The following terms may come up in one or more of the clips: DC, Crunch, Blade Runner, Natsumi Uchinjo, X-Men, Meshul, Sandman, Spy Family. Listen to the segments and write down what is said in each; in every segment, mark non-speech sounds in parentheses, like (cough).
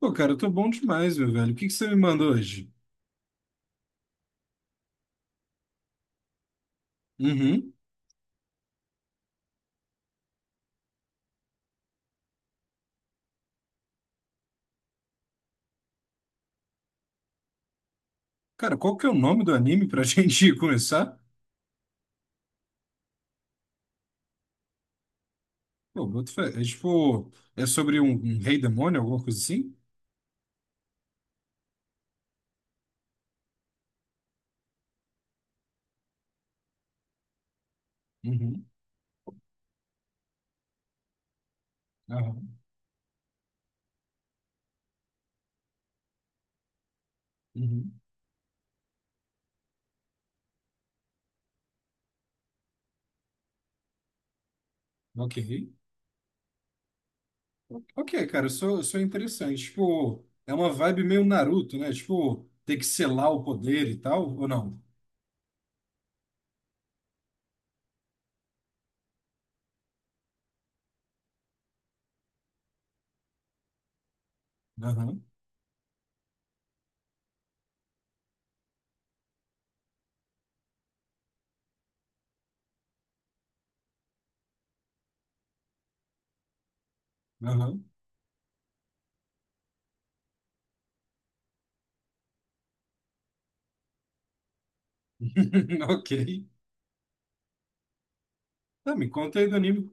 Pô, cara, eu tô bom demais, meu velho. O que que você me manda hoje? Uhum. Cara, qual que é o nome do anime pra (laughs) gente começar? Pô, boto fé. É tipo, é sobre um rei demônio, alguma coisa assim? Uhum. Aham. Uhum. Ok. Ok, cara, eu sou interessante. Tipo, é uma vibe meio Naruto, né? Tipo, ter que selar o poder e tal, ou não? Aham. Aham. (laughs) Ok. Tá, me conta aí do anime.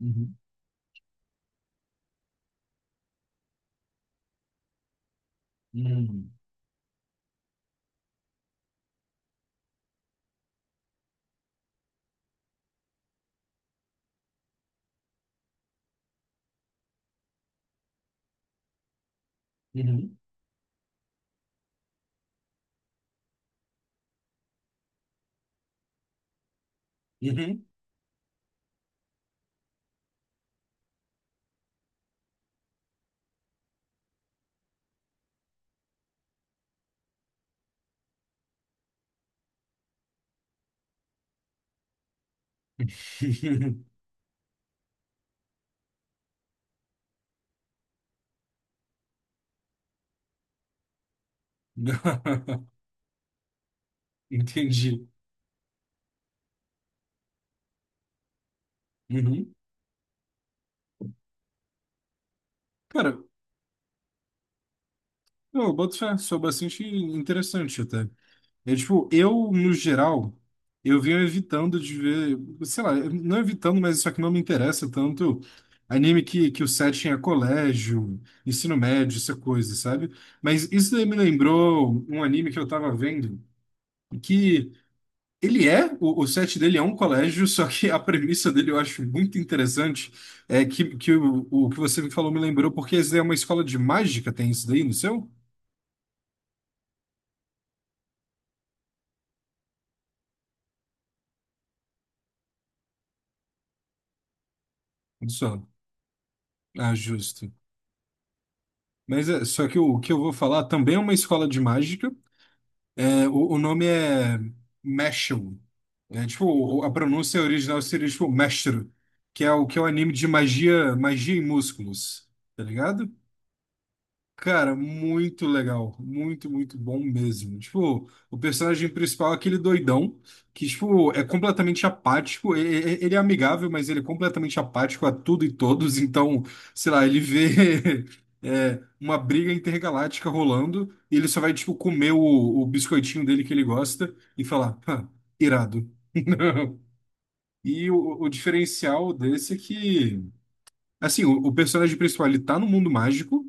Uhum. Uhum. Uhum. Uhum. (laughs) Entendi. Uhum. Cara, eu boto fé, sou bastante interessante até. É tipo, eu, no geral, eu venho evitando de ver, sei lá, não evitando, mas isso aqui não me interessa tanto anime que o setting é colégio, ensino médio, essa coisa, sabe? Mas isso daí me lembrou um anime que eu tava vendo, que ele é, o set dele é um colégio, só que a premissa dele eu acho muito interessante. É que o que você me falou me lembrou, porque isso daí é uma escola de mágica, tem isso daí no seu? No seu? Ah, justo. Mas é, só que o, que eu vou falar também é uma escola de mágica. É, o nome é Meshul. É, tipo, a pronúncia original seria tipo Meshru, que é o anime de magia, magia e músculos, tá ligado? Cara, muito legal. Muito, muito bom mesmo. Tipo, o personagem principal é aquele doidão que, tipo, é completamente apático. Ele é amigável, mas ele é completamente apático a tudo e todos. Então, sei lá, ele vê (laughs) é, uma briga intergaláctica rolando e ele só vai, tipo, comer o biscoitinho dele que ele gosta e falar, "Hã, irado." (laughs) E o diferencial desse é que. Assim, o personagem principal, ele tá no mundo mágico,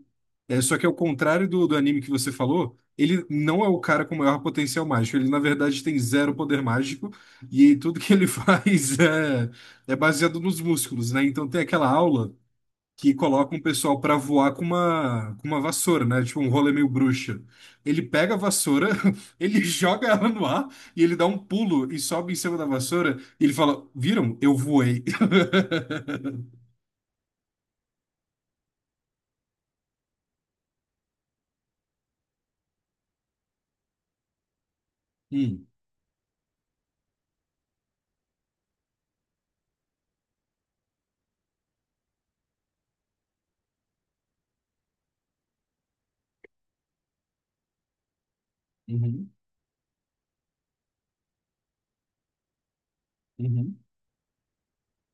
é, só que ao contrário do anime que você falou, ele não é o cara com maior potencial mágico. Ele, na verdade, tem zero poder mágico e tudo que ele (laughs) faz é baseado nos músculos, né? Então tem aquela aula que coloca um pessoal pra voar com com uma vassoura, né? Tipo um rolê meio bruxa. Ele pega a vassoura, (laughs) ele joga ela no ar e ele dá um pulo e sobe em cima da vassoura e ele fala, viram? Eu voei. (laughs) Hum. Uhum. Uhum.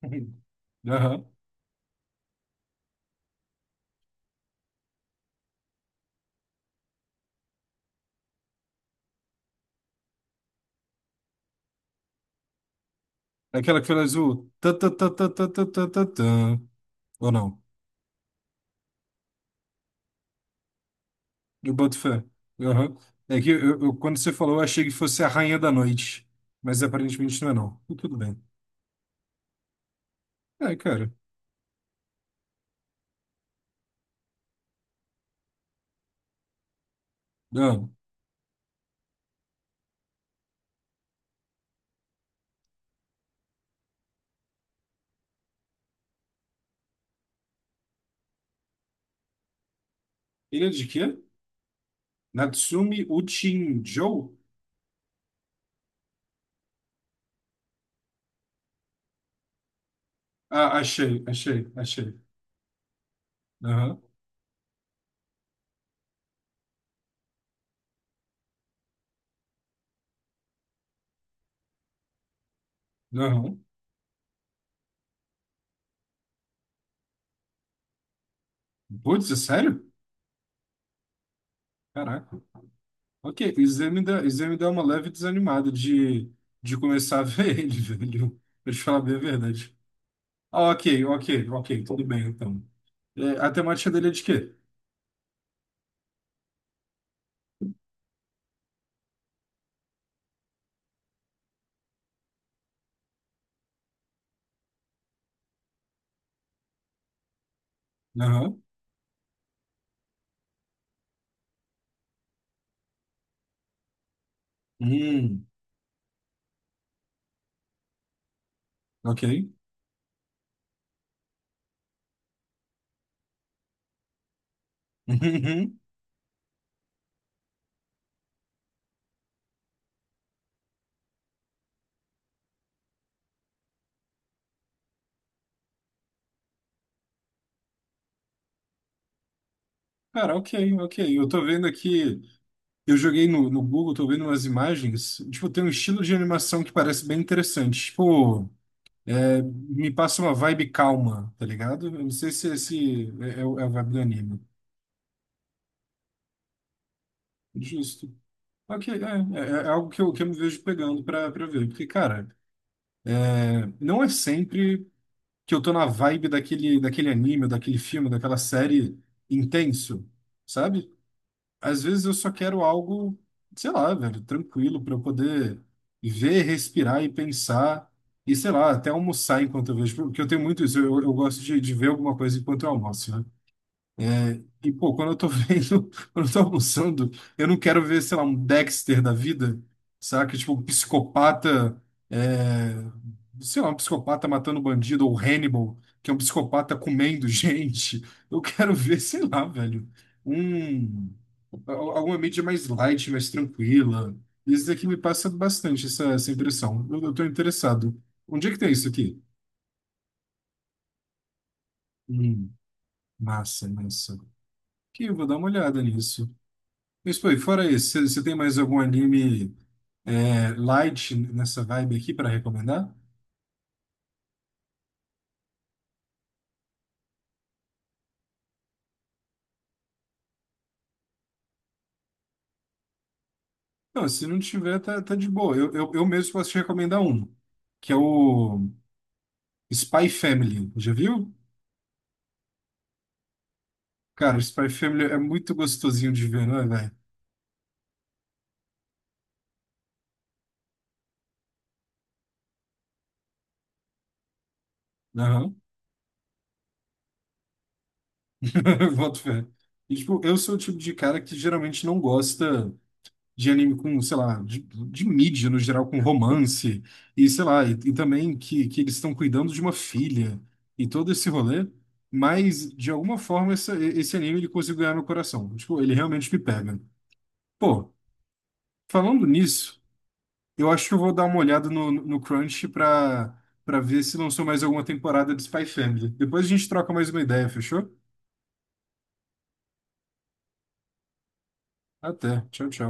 (laughs) Aham. Aquela que fala azul. Tã, tã, tã, tã, tã, tã, tã, tã, tã. Ou não? Eu boto fé. Aham. É que quando você falou, eu achei que fosse a Rainha da Noite. Mas aparentemente não é, não. E tudo bem. É, cara. Ah, ele é de quê? Natsumi Uchinjo? Ah, achei, achei, achei. Aham, aham. Putz, é sério? Caraca. Ok, isso aí me dá uma leve desanimada de começar a ver ele, (laughs) velho. Pra te falar bem a verdade. Ah, ok, ok, ok, tudo bem então. É, a temática dele é de quê? Aham. Hum, ok. (laughs) Uhum. Cara, ok, ok. Eu tô vendo aqui, eu joguei no Google, tô vendo umas imagens. Tipo, tem um estilo de animação que parece bem interessante. Tipo, é, me passa uma vibe calma, tá ligado? Eu não sei se esse é, é a vibe do anime. Justo. Ok, é, é algo que que eu me vejo pegando pra ver. Porque, cara, é, não é sempre que eu tô na vibe daquele anime, daquele filme, daquela série intenso, sabe? Às vezes eu só quero algo, sei lá, velho, tranquilo para eu poder ver, respirar e pensar e sei lá, até almoçar enquanto eu vejo, porque eu tenho muito isso, eu gosto de ver alguma coisa enquanto eu almoço, né? É, e, pô, quando eu tô vendo, (laughs) quando eu tô almoçando, eu não quero ver, sei lá, um Dexter da vida, saca? Tipo, um psicopata, é, sei lá, um psicopata matando bandido, ou Hannibal, que é um psicopata comendo (laughs) gente. Eu quero ver, sei lá, velho, um, alguma mídia mais light, mais tranquila. Isso daqui me passa bastante, essa impressão. Eu tô interessado. Onde é que tem isso aqui? Hum, massa, massa. Aqui, eu vou dar uma olhada nisso. Mas, pô, e fora isso, você tem mais algum anime é, light nessa vibe aqui para recomendar? Não, se não tiver, tá, tá de boa. Eu mesmo posso te recomendar um, que é o Spy Family. Já viu? Cara, o Spy Family é muito gostosinho de ver, não é, velho? Aham. (laughs) Boto fé. E, tipo, eu sou o tipo de cara que geralmente não gosta, de anime com, sei lá, de mídia no geral, com romance, e sei lá, e também que eles estão cuidando de uma filha e todo esse rolê, mas de alguma forma esse anime ele conseguiu ganhar meu coração. Tipo, ele realmente me pega. Pô, falando nisso, eu acho que eu vou dar uma olhada no Crunch pra ver se lançou mais alguma temporada de Spy Family. Depois a gente troca mais uma ideia, fechou? Até. Tchau, tchau.